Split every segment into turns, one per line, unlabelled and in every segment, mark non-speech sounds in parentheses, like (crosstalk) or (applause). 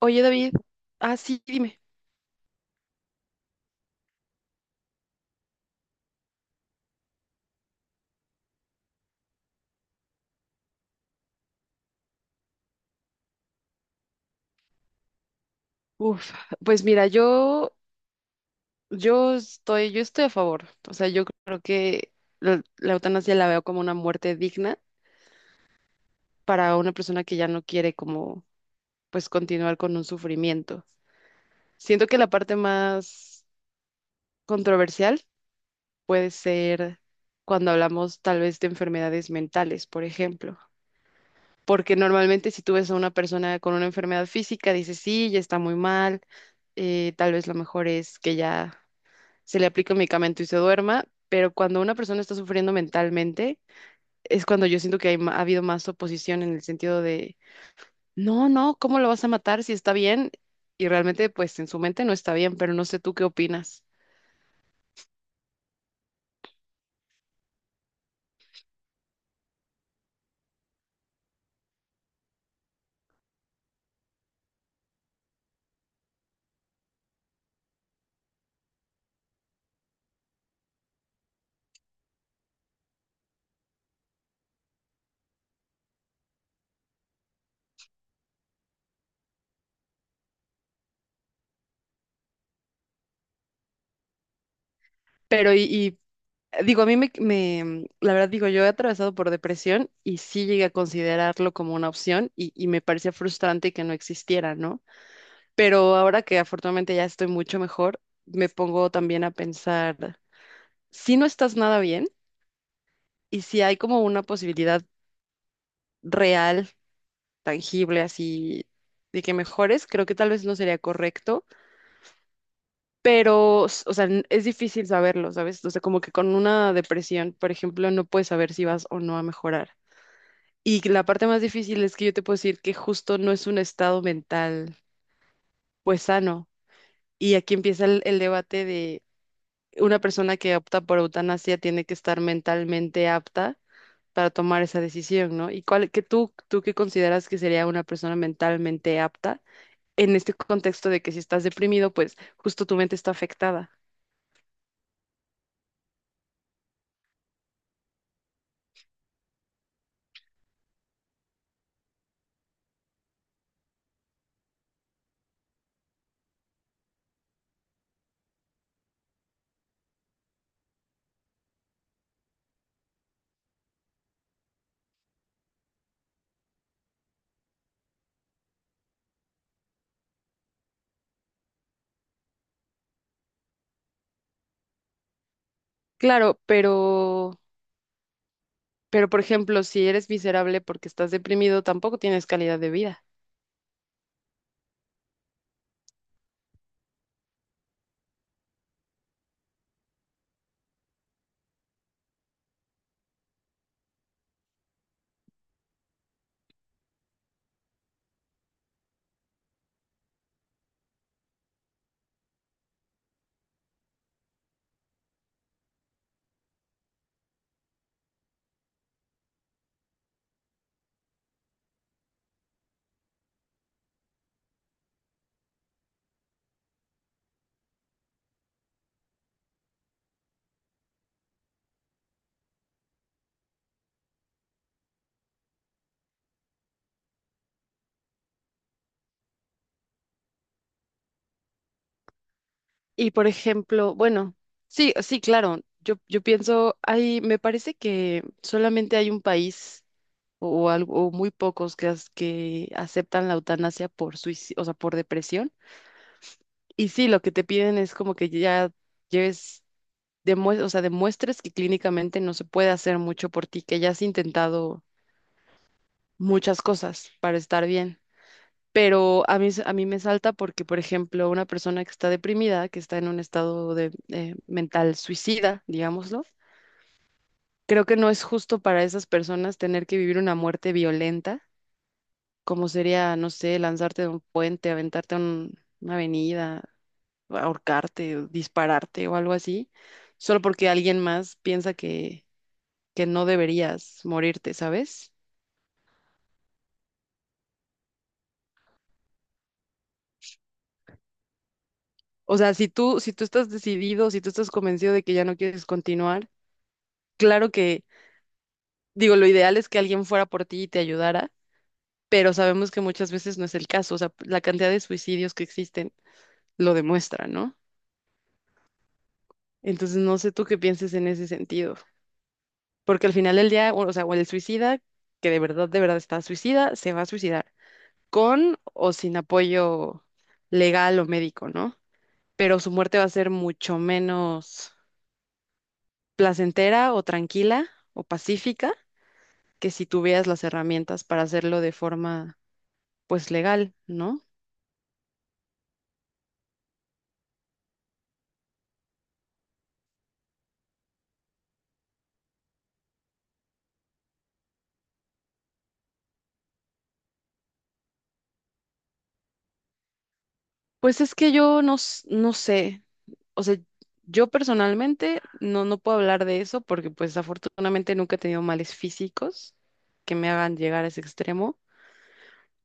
Oye, David, sí, dime. Uf, pues mira, yo estoy a favor. O sea, yo creo que la eutanasia la veo como una muerte digna para una persona que ya no quiere como, pues, continuar con un sufrimiento. Siento que la parte más controversial puede ser cuando hablamos tal vez de enfermedades mentales, por ejemplo. Porque normalmente si tú ves a una persona con una enfermedad física, dices, sí, ya está muy mal, tal vez lo mejor es que ya se le aplica un medicamento y se duerma, pero cuando una persona está sufriendo mentalmente, es cuando yo siento que ha habido más oposición en el sentido de, no, no, ¿cómo lo vas a matar si está bien? Y realmente, pues en su mente no está bien, pero no sé tú qué opinas. Pero y, y, digo, a mí me, me- la verdad digo, yo he atravesado por depresión y sí llegué a considerarlo como una opción y me parecía frustrante que no existiera, ¿no? Pero ahora que afortunadamente ya estoy mucho mejor, me pongo también a pensar, si no estás nada bien, y si hay como una posibilidad real, tangible, así, de que mejores, creo que tal vez no sería correcto, pero, o sea, es difícil saberlo, ¿sabes? O sea, como que con una depresión, por ejemplo, no puedes saber si vas o no a mejorar. Y la parte más difícil es que yo te puedo decir que justo no es un estado mental, pues sano. Y aquí empieza el debate de una persona que opta por eutanasia tiene que estar mentalmente apta para tomar esa decisión, ¿no? ¿Y cuál, tú qué consideras que sería una persona mentalmente apta en este contexto de que si estás deprimido, pues justo tu mente está afectada? Claro, pero por ejemplo, si eres miserable porque estás deprimido, tampoco tienes calidad de vida. Y por ejemplo, bueno, sí, sí, claro, yo pienso, hay, me parece que solamente hay un país o, algo, o muy pocos que, que aceptan la eutanasia por suicidio, o sea, por depresión. Y sí, lo que te piden es como que ya lleves, o sea, demuestres que clínicamente no se puede hacer mucho por ti, que ya has intentado muchas cosas para estar bien. Pero a mí me salta porque, por ejemplo, una persona que está deprimida, que está en un estado de, mental suicida, digámoslo, creo que no es justo para esas personas tener que vivir una muerte violenta, como sería, no sé, lanzarte de un puente, aventarte a una avenida, ahorcarte, o dispararte o algo así, solo porque alguien más piensa que no deberías morirte, ¿sabes? O sea, si tú estás decidido, si tú estás convencido de que ya no quieres continuar, claro. Digo, lo ideal es que alguien fuera por ti y te ayudara, pero sabemos que muchas veces no es el caso. O sea, la cantidad de suicidios que existen lo demuestra, ¿no? Entonces, no sé tú qué pienses en ese sentido, porque al final del día, o sea, o el suicida, que de verdad está suicida, se va a suicidar, con o sin apoyo legal o médico, ¿no? Pero su muerte va a ser mucho menos placentera o tranquila o pacífica que si tuvieras las herramientas para hacerlo de forma, pues, legal, ¿no? Pues es que yo no, no sé, o sea, yo personalmente no, no puedo hablar de eso porque pues afortunadamente nunca he tenido males físicos que me hagan llegar a ese extremo,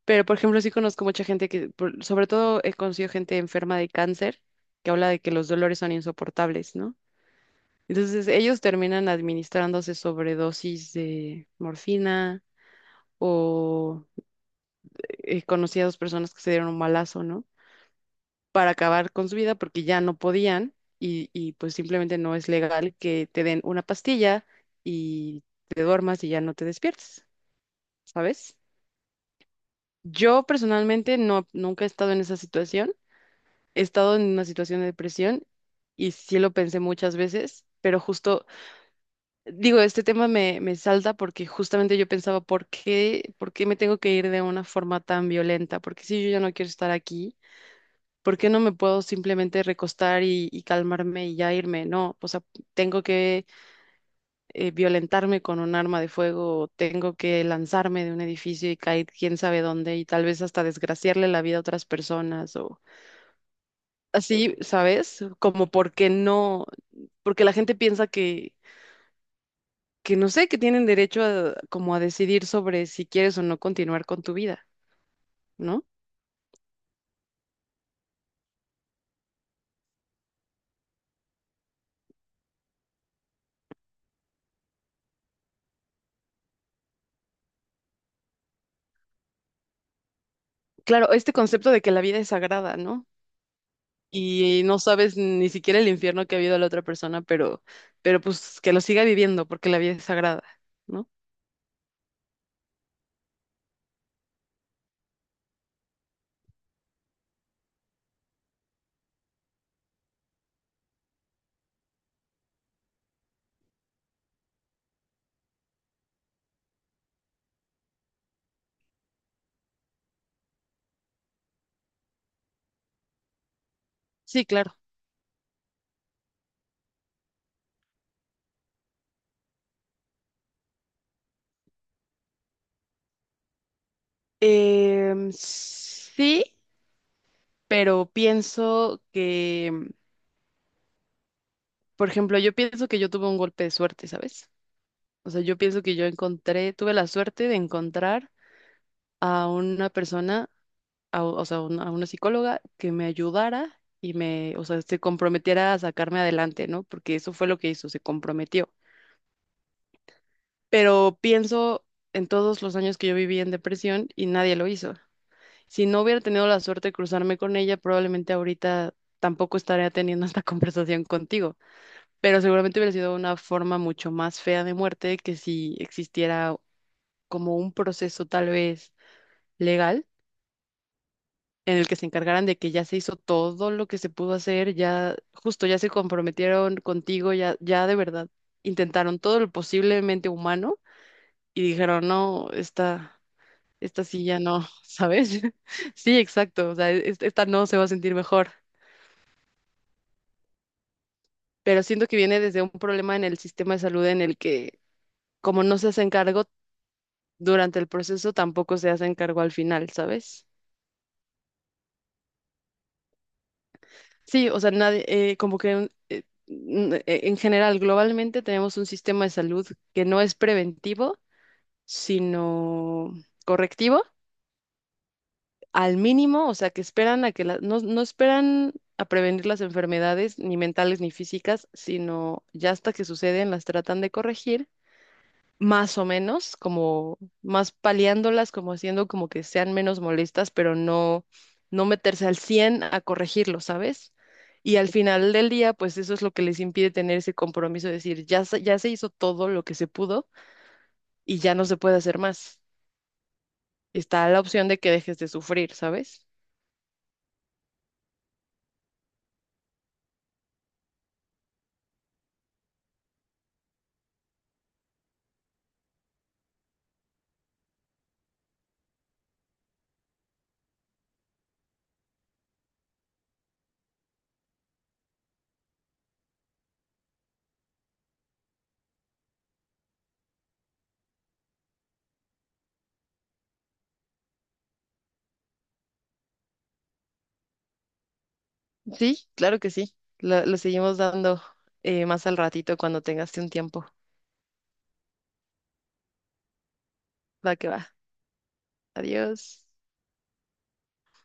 pero por ejemplo sí conozco mucha gente que, sobre todo he conocido gente enferma de cáncer que habla de que los dolores son insoportables, ¿no? Entonces ellos terminan administrándose sobredosis de morfina o conocí a dos personas que se dieron un balazo, ¿no? Para acabar con su vida porque ya no podían y pues simplemente no es legal que te den una pastilla y te duermas y ya no te despiertes, ¿sabes? Yo personalmente no, nunca he estado en esa situación, he estado en una situación de depresión y sí lo pensé muchas veces, pero justo, digo, este tema me salta porque justamente yo pensaba, por qué me tengo que ir de una forma tan violenta? Porque si yo ya no quiero estar aquí, ¿por qué no me puedo simplemente recostar y calmarme y ya irme? No, o sea, tengo que violentarme con un arma de fuego, o tengo que lanzarme de un edificio y caer quién sabe dónde y tal vez hasta desgraciarle la vida a otras personas o así, ¿sabes? Como porque no, porque la gente piensa que no sé, que tienen derecho a, como a decidir sobre si quieres o no continuar con tu vida, ¿no? Claro, este concepto de que la vida es sagrada, ¿no? Y no sabes ni siquiera el infierno que ha habido la otra persona, pero pues que lo siga viviendo porque la vida es sagrada, ¿no? Sí, claro. Sí, pero pienso que, por ejemplo, yo pienso que yo tuve un golpe de suerte, ¿sabes? O sea, yo pienso que yo encontré, tuve la suerte de encontrar a una persona, o sea, a una psicóloga que me ayudara y me, o sea, se comprometiera a sacarme adelante, ¿no? Porque eso fue lo que hizo, se comprometió. Pero pienso en todos los años que yo viví en depresión y nadie lo hizo. Si no hubiera tenido la suerte de cruzarme con ella, probablemente ahorita tampoco estaría teniendo esta (laughs) conversación contigo, pero seguramente hubiera sido una forma mucho más fea de muerte que si existiera como un proceso tal vez legal en el que se encargaran de que ya se hizo todo lo que se pudo hacer, ya justo ya se comprometieron contigo, ya de verdad intentaron todo lo posiblemente humano y dijeron, "No, esta sí ya no, ¿sabes? (laughs) Sí, exacto, o sea, esta no se va a sentir mejor, pero siento que viene desde un problema en el sistema de salud en el que como no se hacen cargo durante el proceso, tampoco se hacen cargo al final, ¿sabes? Sí, o sea, nadie, como que en general, globalmente tenemos un sistema de salud que no es preventivo, sino correctivo al mínimo, o sea, que esperan a que no, no esperan a prevenir las enfermedades, ni mentales ni físicas, sino ya hasta que suceden las tratan de corregir, más o menos, como más paliándolas, como haciendo como que sean menos molestas, pero no, no meterse al 100 a corregirlo, ¿sabes? Y al final del día, pues eso es lo que les impide tener ese compromiso de decir, ya, ya se hizo todo lo que se pudo y ya no se puede hacer más. Está la opción de que dejes de sufrir, ¿sabes? Sí, claro que sí. Lo seguimos dando más al ratito cuando tengas un tiempo. Va que va. Adiós.